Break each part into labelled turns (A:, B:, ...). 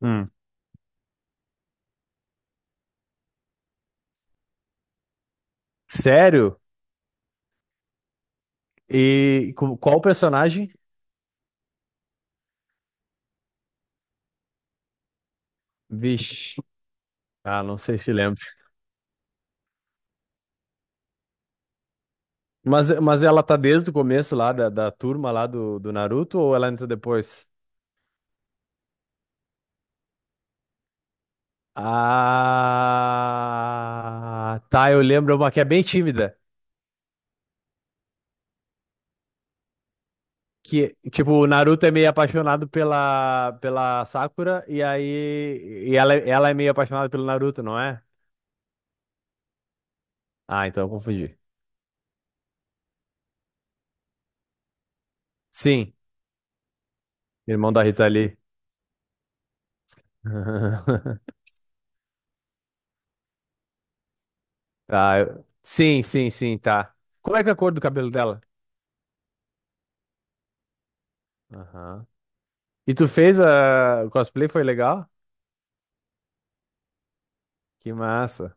A: Hum. Sério? E qual o personagem? Vixe. Ah, não sei se lembro. Mas ela tá desde o começo lá da turma lá do Naruto ou ela entra depois? Ah, tá, eu lembro uma que é bem tímida. Que, tipo, o Naruto é meio apaixonado pela Sakura e aí e ela é meio apaixonada pelo Naruto, não é? Ah, então eu confundi. Sim, irmão da Rita Lee. Ah, sim, sim, sim, tá. Como é que é a cor do cabelo dela? Aham. E tu fez a o cosplay, foi legal? Que massa.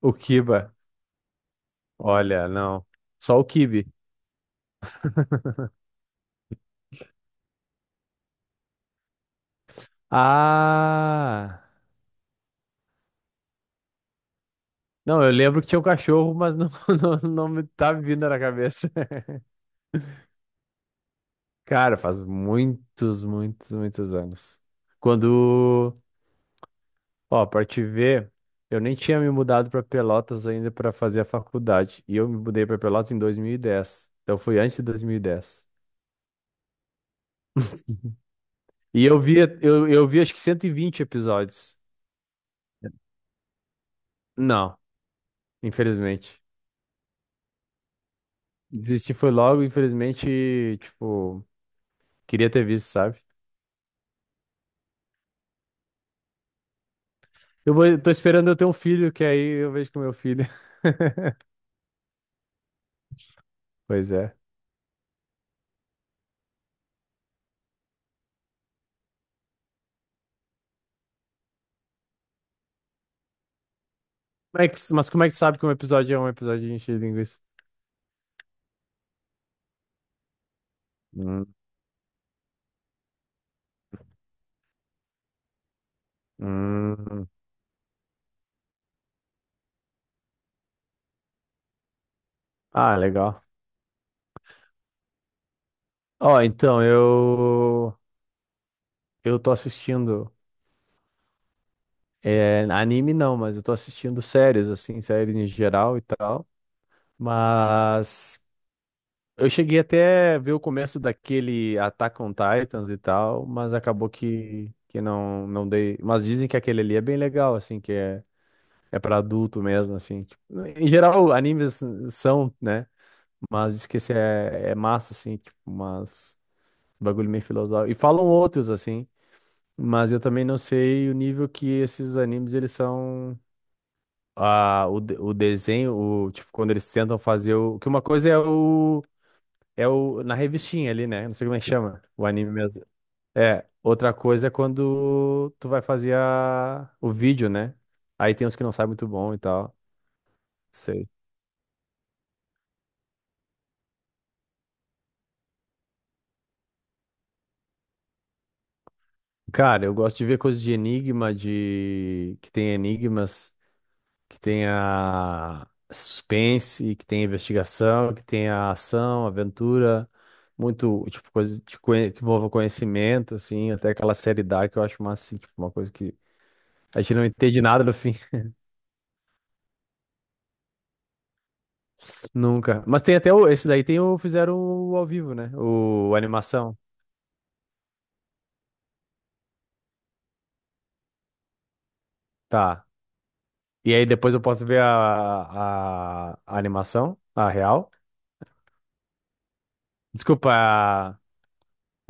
A: O Kiba. Olha, não. Só o Kibe. Ah! Não, eu lembro que tinha um cachorro, mas não, não, não me tá me vindo na cabeça. Cara, faz muitos, muitos, muitos anos. Quando. Ó, pra te ver, eu nem tinha me mudado pra Pelotas ainda pra fazer a faculdade. E eu me mudei pra Pelotas em 2010. Então foi antes de dois mil e dez e eu vi acho que 120 episódios. Não, infelizmente. Desisti foi logo, infelizmente, tipo, queria ter visto, sabe? Eu tô esperando eu ter um filho, que aí eu vejo com meu filho. Pois é. Mas como é que tu sabe que um episódio é um episódio de encher de linguiça? Hum, hum. Ah, legal. Ó, então, eu. Eu tô assistindo, é, anime não, mas eu tô assistindo séries, assim, séries em geral e tal. Mas eu cheguei até ver o começo daquele Attack on Titans e tal, mas acabou que não, não dei. Mas dizem que aquele ali é bem legal, assim, que é pra adulto mesmo, assim. Tipo, em geral, animes são, né? Mas diz que esse é massa, assim, tipo, mas bagulho meio filosófico. E falam outros, assim. Mas eu também não sei o nível que esses animes eles são a, o, de- o desenho, o, tipo, quando eles tentam fazer o. Que uma coisa é o. É o. Na revistinha ali, né? Não sei como é que chama. O anime mesmo. É. Outra coisa é quando tu vai fazer o vídeo, né? Aí tem uns que não sabem muito bom e tal. Sei. Cara, eu gosto de ver coisas de enigma, de. Que tem enigmas. Que tenha suspense, que tenha investigação, que tenha ação, aventura, muito, tipo, coisa de que envolva conhecimento, assim, até aquela série Dark que eu acho massa, assim, tipo, uma coisa que a gente não entende nada no fim, nunca. Mas tem até o, esse daí tem o, fizeram o ao vivo, né? O a animação. Tá. E aí depois eu posso ver a animação, a real. Desculpa,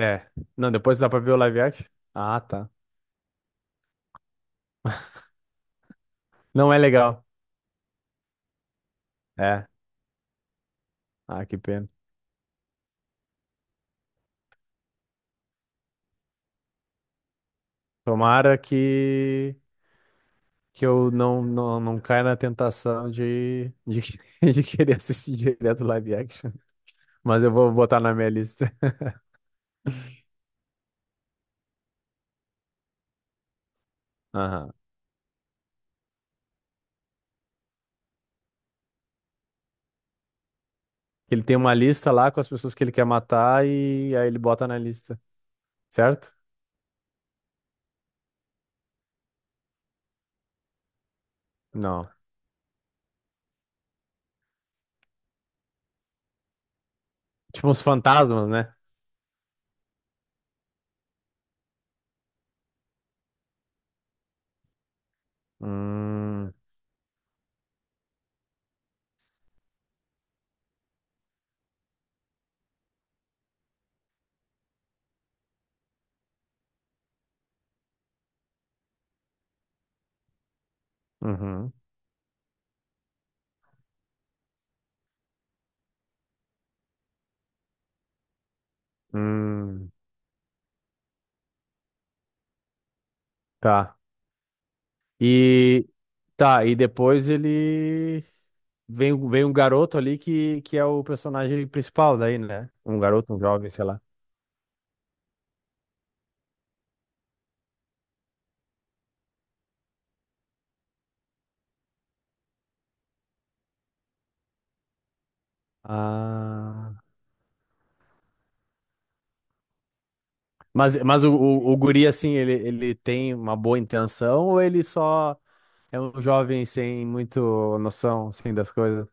A: é. Não, depois dá pra ver o live action. Ah, tá. Não é legal. É. Ah, que pena. Tomara que eu não, não, não caia na tentação de querer assistir direto live action. Mas eu vou botar na minha lista. Aham. Ele tem uma lista lá com as pessoas que ele quer matar e aí ele bota na lista, certo? Não. Tipo uns fantasmas, né? Hum, uhum, hum, tá. E tá, e depois ele vem um garoto ali que é o personagem principal daí, né? Um garoto, um jovem, sei lá. Ah. Mas o, o guri, assim, ele tem uma boa intenção ou ele só é um jovem sem muito noção, assim, das coisas?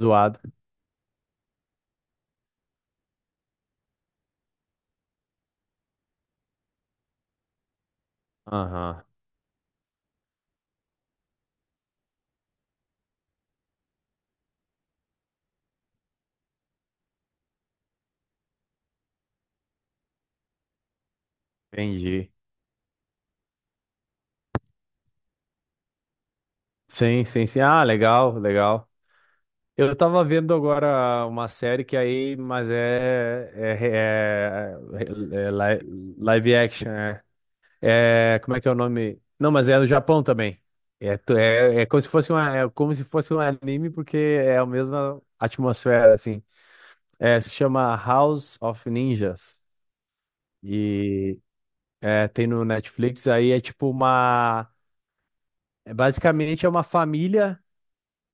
A: Zoado. Aham, entendi. Sim, sim, sim. Ah, legal, legal. Eu tava vendo agora uma série que é aí, mas é live action, é. É, como é que é o nome? Não, mas é do Japão também. É, é como se fosse uma, é como se fosse um anime, porque é a mesma atmosfera, assim. É, se chama House of Ninjas. E é, tem no Netflix, aí é tipo uma... É basicamente é uma família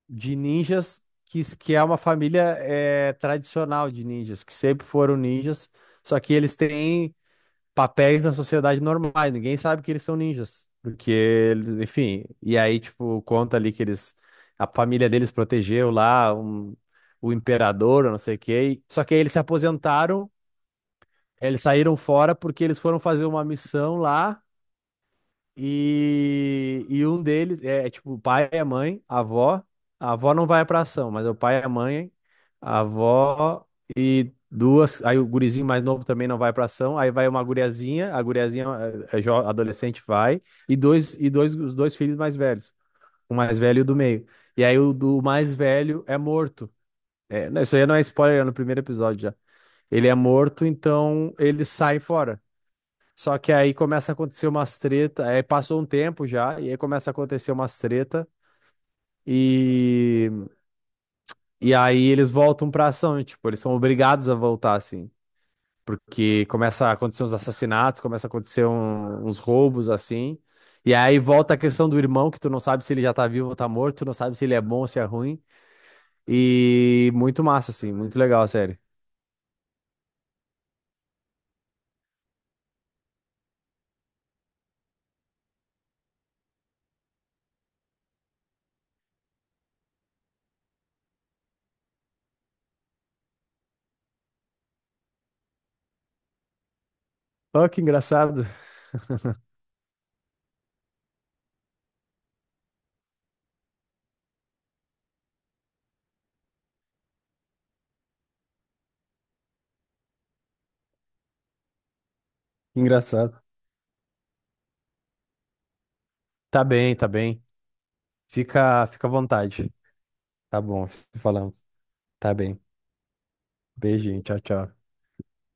A: de ninjas que é uma família é, tradicional de ninjas, que sempre foram ninjas, só que eles têm papéis na sociedade normais. Ninguém sabe que eles são ninjas. Porque, enfim, e aí, tipo, conta ali que eles, a família deles protegeu lá o imperador, eu não sei o quê. Só que aí eles se aposentaram, eles saíram fora porque eles foram fazer uma missão lá. E um deles é tipo o pai e a mãe, a avó. A avó não vai pra ação, mas é o pai e a mãe, a avó e duas. Aí o gurizinho mais novo também não vai pra ação. Aí vai uma guriazinha, a guriazinha é adolescente vai, e dois, os dois filhos mais velhos, o mais velho e o do meio. E aí o do mais velho é morto. É, não, isso aí não é spoiler, é no primeiro episódio já. Ele é morto, então ele sai fora. Só que aí começa a acontecer umas treta, aí passou um tempo já, e aí começa a acontecer umas treta, e, e aí eles voltam pra ação, e, tipo, eles são obrigados a voltar, assim, porque começa a acontecer uns assassinatos, começa a acontecer uns roubos, assim, e aí volta a questão do irmão, que tu não sabe se ele já tá vivo ou tá morto, tu não sabe se ele é bom ou se é ruim, e muito massa, assim, muito legal a série. Oh, que engraçado, que engraçado. Tá bem, fica, fica à vontade, tá bom, se falamos. Tá bem. Beijinho. Tchau, tchau.